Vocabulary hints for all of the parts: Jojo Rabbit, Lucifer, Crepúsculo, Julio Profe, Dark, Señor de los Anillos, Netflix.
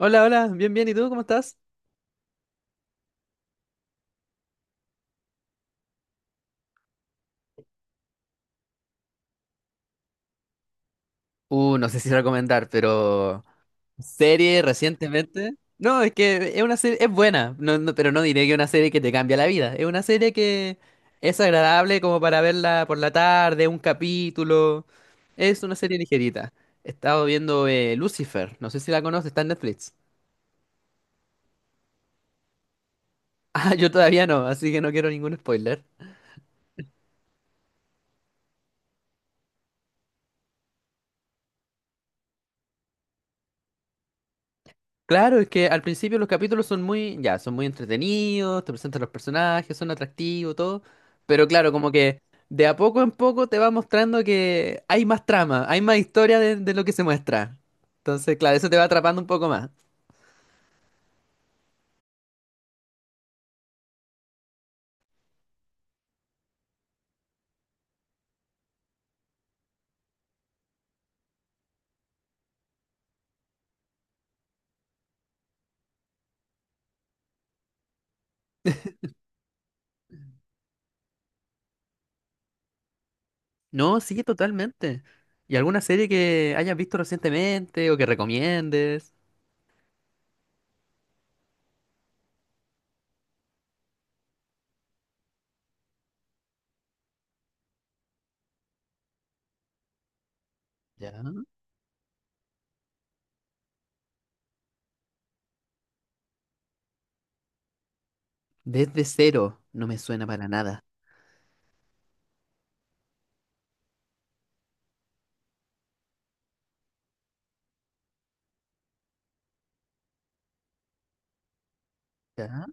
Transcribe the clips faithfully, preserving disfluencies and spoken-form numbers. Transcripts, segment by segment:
Hola, hola, bien, bien, ¿y tú cómo estás? Uh, no sé si recomendar, pero serie recientemente. No, es que es una serie, es buena, no, no, pero no diré que es una serie que te cambia la vida. Es una serie que es agradable como para verla por la tarde, un capítulo. Es una serie ligerita. He estado viendo eh, Lucifer, no sé si la conoces, está en Netflix. Ah, yo todavía no, así que no quiero ningún spoiler. Claro, es que al principio los capítulos son muy, ya, son muy entretenidos, te presentan los personajes, son atractivos, todo, pero claro, como que de a poco en poco te va mostrando que hay más trama, hay más historia de, de lo que se muestra. Entonces, claro, eso te va atrapando un poco más. No, sí, totalmente. ¿Y alguna serie que hayas visto recientemente o que recomiendes? Ya. Desde cero, no me suena para nada. Ya.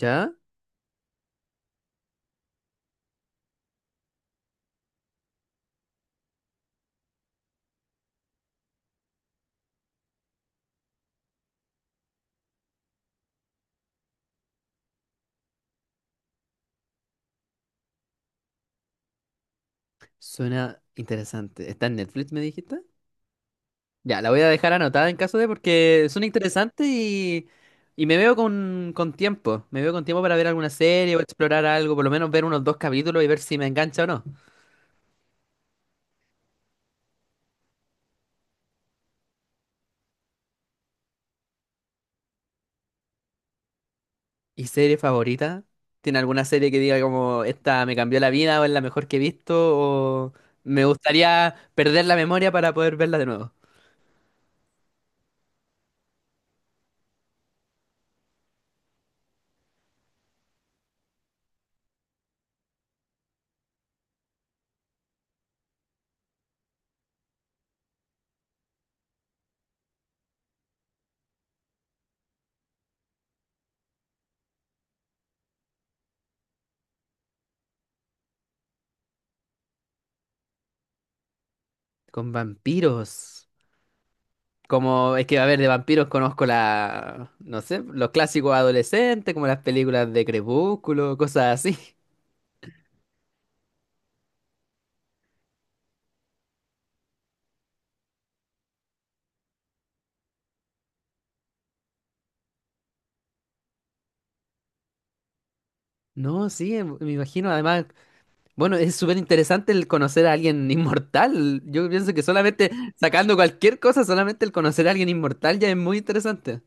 Ya, suena interesante. ¿Está en Netflix, me dijiste? Ya, la voy a dejar anotada en caso de porque son interesantes y, y me veo con, con tiempo. Me veo con tiempo para ver alguna serie o explorar algo, por lo menos ver unos dos capítulos y ver si me engancha o no. ¿Y serie favorita? ¿Tiene alguna serie que diga como esta me cambió la vida o es la mejor que he visto o me gustaría perder la memoria para poder verla de nuevo? Con vampiros. Como es que, a ver, de vampiros conozco la, no sé, los clásicos adolescentes, como las películas de Crepúsculo, cosas así. No, sí, em- me imagino. Además, bueno, es súper interesante el conocer a alguien inmortal. Yo pienso que solamente sacando cualquier cosa, solamente el conocer a alguien inmortal ya es muy interesante.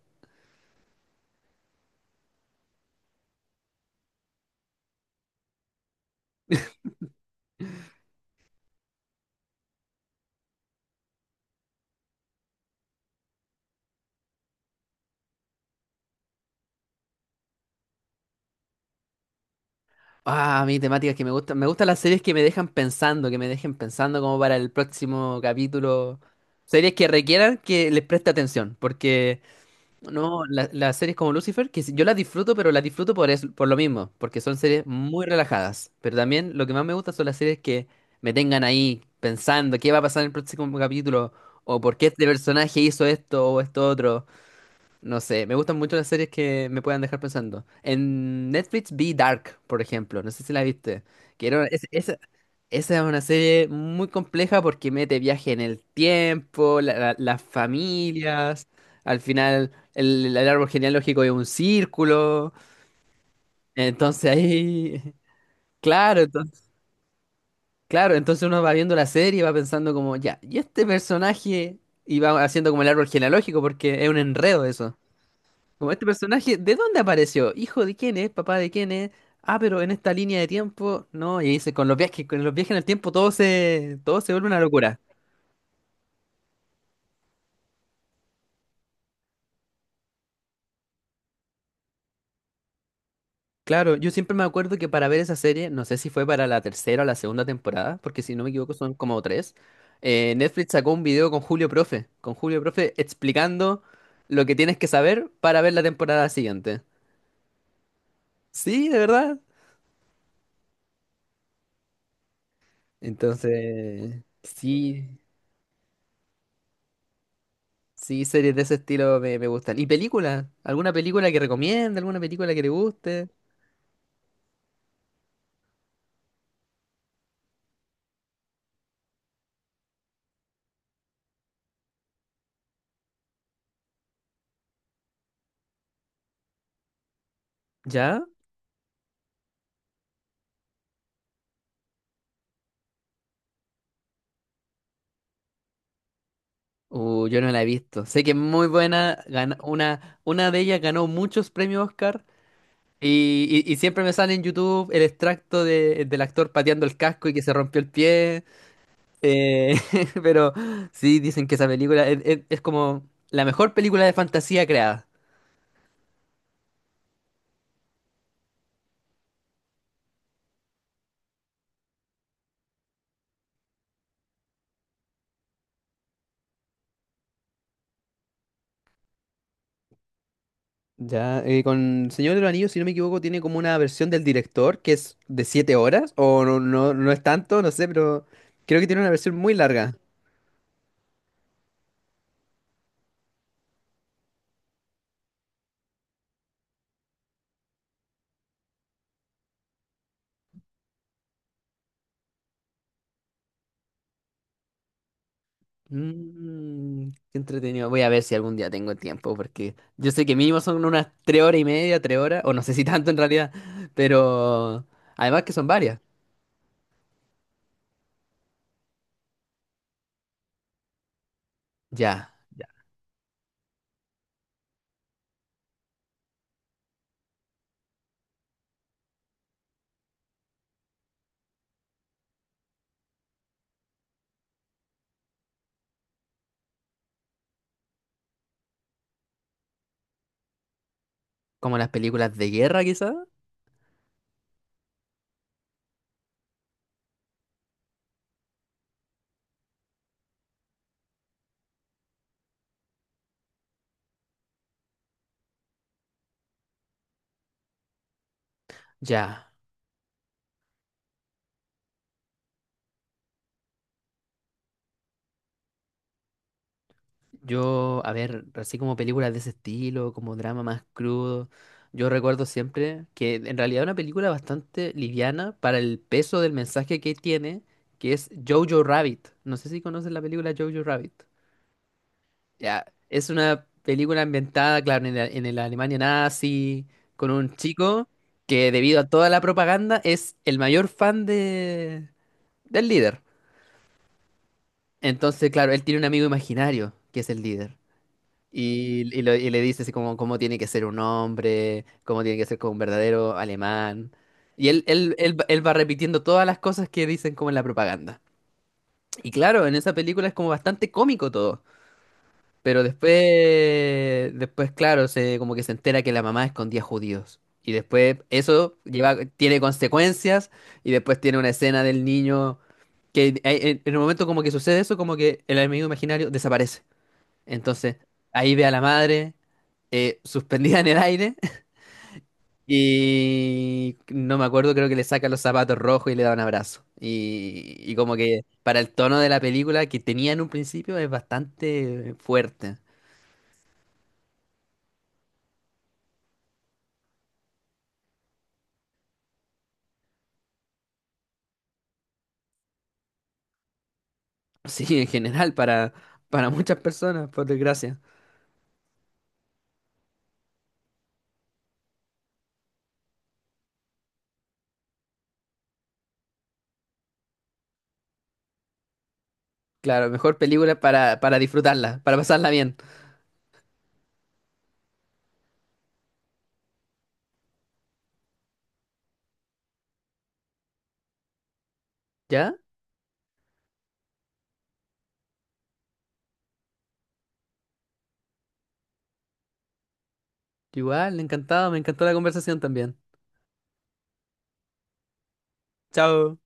Ah, a mí temáticas que me gustan. Me gustan las series que me dejan pensando, que me dejen pensando como para el próximo capítulo. Series que requieran que les preste atención, porque no, la- las series como Lucifer, que si- yo las disfruto, pero las disfruto por, es- por lo mismo, porque son series muy relajadas. Pero también lo que más me gusta son las series que me tengan ahí pensando qué va a pasar en el próximo capítulo, o por qué este personaje hizo esto o esto otro. No sé, me gustan mucho las series que me puedan dejar pensando. En Netflix vi Dark, por ejemplo, no sé si la viste, que era, esa es una serie muy compleja porque mete viaje en el tiempo, la- la- las familias, al final el, el árbol genealógico es un círculo, entonces ahí, claro, entonces, claro, entonces uno va viendo la serie y va pensando como, ya, ¿y este personaje? Y va haciendo como el árbol genealógico porque es un enredo eso. Como este personaje, ¿de dónde apareció? ¿Hijo de quién es? ¿Papá de quién es? Ah, pero en esta línea de tiempo, no, y dice, con los viajes, con los viajes en el tiempo todo se, todo se vuelve una locura. Claro, yo siempre me acuerdo que para ver esa serie, no sé si fue para la tercera o la segunda temporada, porque si no me equivoco son como tres, eh, Netflix sacó un video con Julio Profe, con Julio Profe explicando lo que tienes que saber para ver la temporada siguiente. Sí, de verdad. Entonces, sí, sí, series de ese estilo me, me gustan. ¿Y películas? ¿Alguna película que recomiende? ¿Alguna película que te guste? ¿Ya? Uh, yo no la he visto. Sé que es muy buena. gana- una, una de ellas ganó muchos premios Oscar. Y, y- y siempre me sale en YouTube el extracto de- del actor pateando el casco y que se rompió el pie. eh, pero sí, dicen que esa película es, es- es como la mejor película de fantasía creada. Ya, eh, con Señor de los Anillos, si no me equivoco, tiene como una versión del director que es de siete horas, o no, no, no es tanto, no sé, pero creo que tiene una versión muy larga. Mm, qué entretenido. Voy a ver si algún día tengo tiempo, porque yo sé que mínimo son unas tres horas y media, tres horas, o no sé si tanto en realidad, pero además que son varias. Ya, ya. Como las películas de guerra, quizás. Ya. Yo, a ver, así como películas de ese estilo, como drama más crudo, yo recuerdo siempre que en realidad es una película bastante liviana para el peso del mensaje que tiene, que es Jojo Rabbit. No sé si conoces la película Jojo Rabbit. Ya, es una película ambientada, claro, en la, en la Alemania nazi, con un chico que debido a toda la propaganda es el mayor fan de, del líder. Entonces, claro, él tiene un amigo imaginario que es el líder. Y, y lo- y le dice así como cómo tiene que ser un hombre, cómo tiene que ser como un verdadero alemán. Y él, él, él, va- él va repitiendo todas las cosas que dicen como en la propaganda. Y claro, en esa película es como bastante cómico todo. Pero después, después, claro, se como que se entera que la mamá escondía judíos. Y después eso lleva, tiene consecuencias y después tiene una escena del niño que ahí, en en el momento como que sucede eso, como que el amigo imaginario desaparece. Entonces, ahí ve a la madre eh, suspendida en el aire y no me acuerdo, creo que le saca los zapatos rojos y le da un abrazo. Y, y como que para el tono de la película que tenía en un principio es bastante fuerte. Sí, en general, para, para muchas personas, por desgracia. Claro, mejor película para, para disfrutarla, para pasarla bien. ¿Ya? Igual, encantado, me encantó la conversación también. Chao.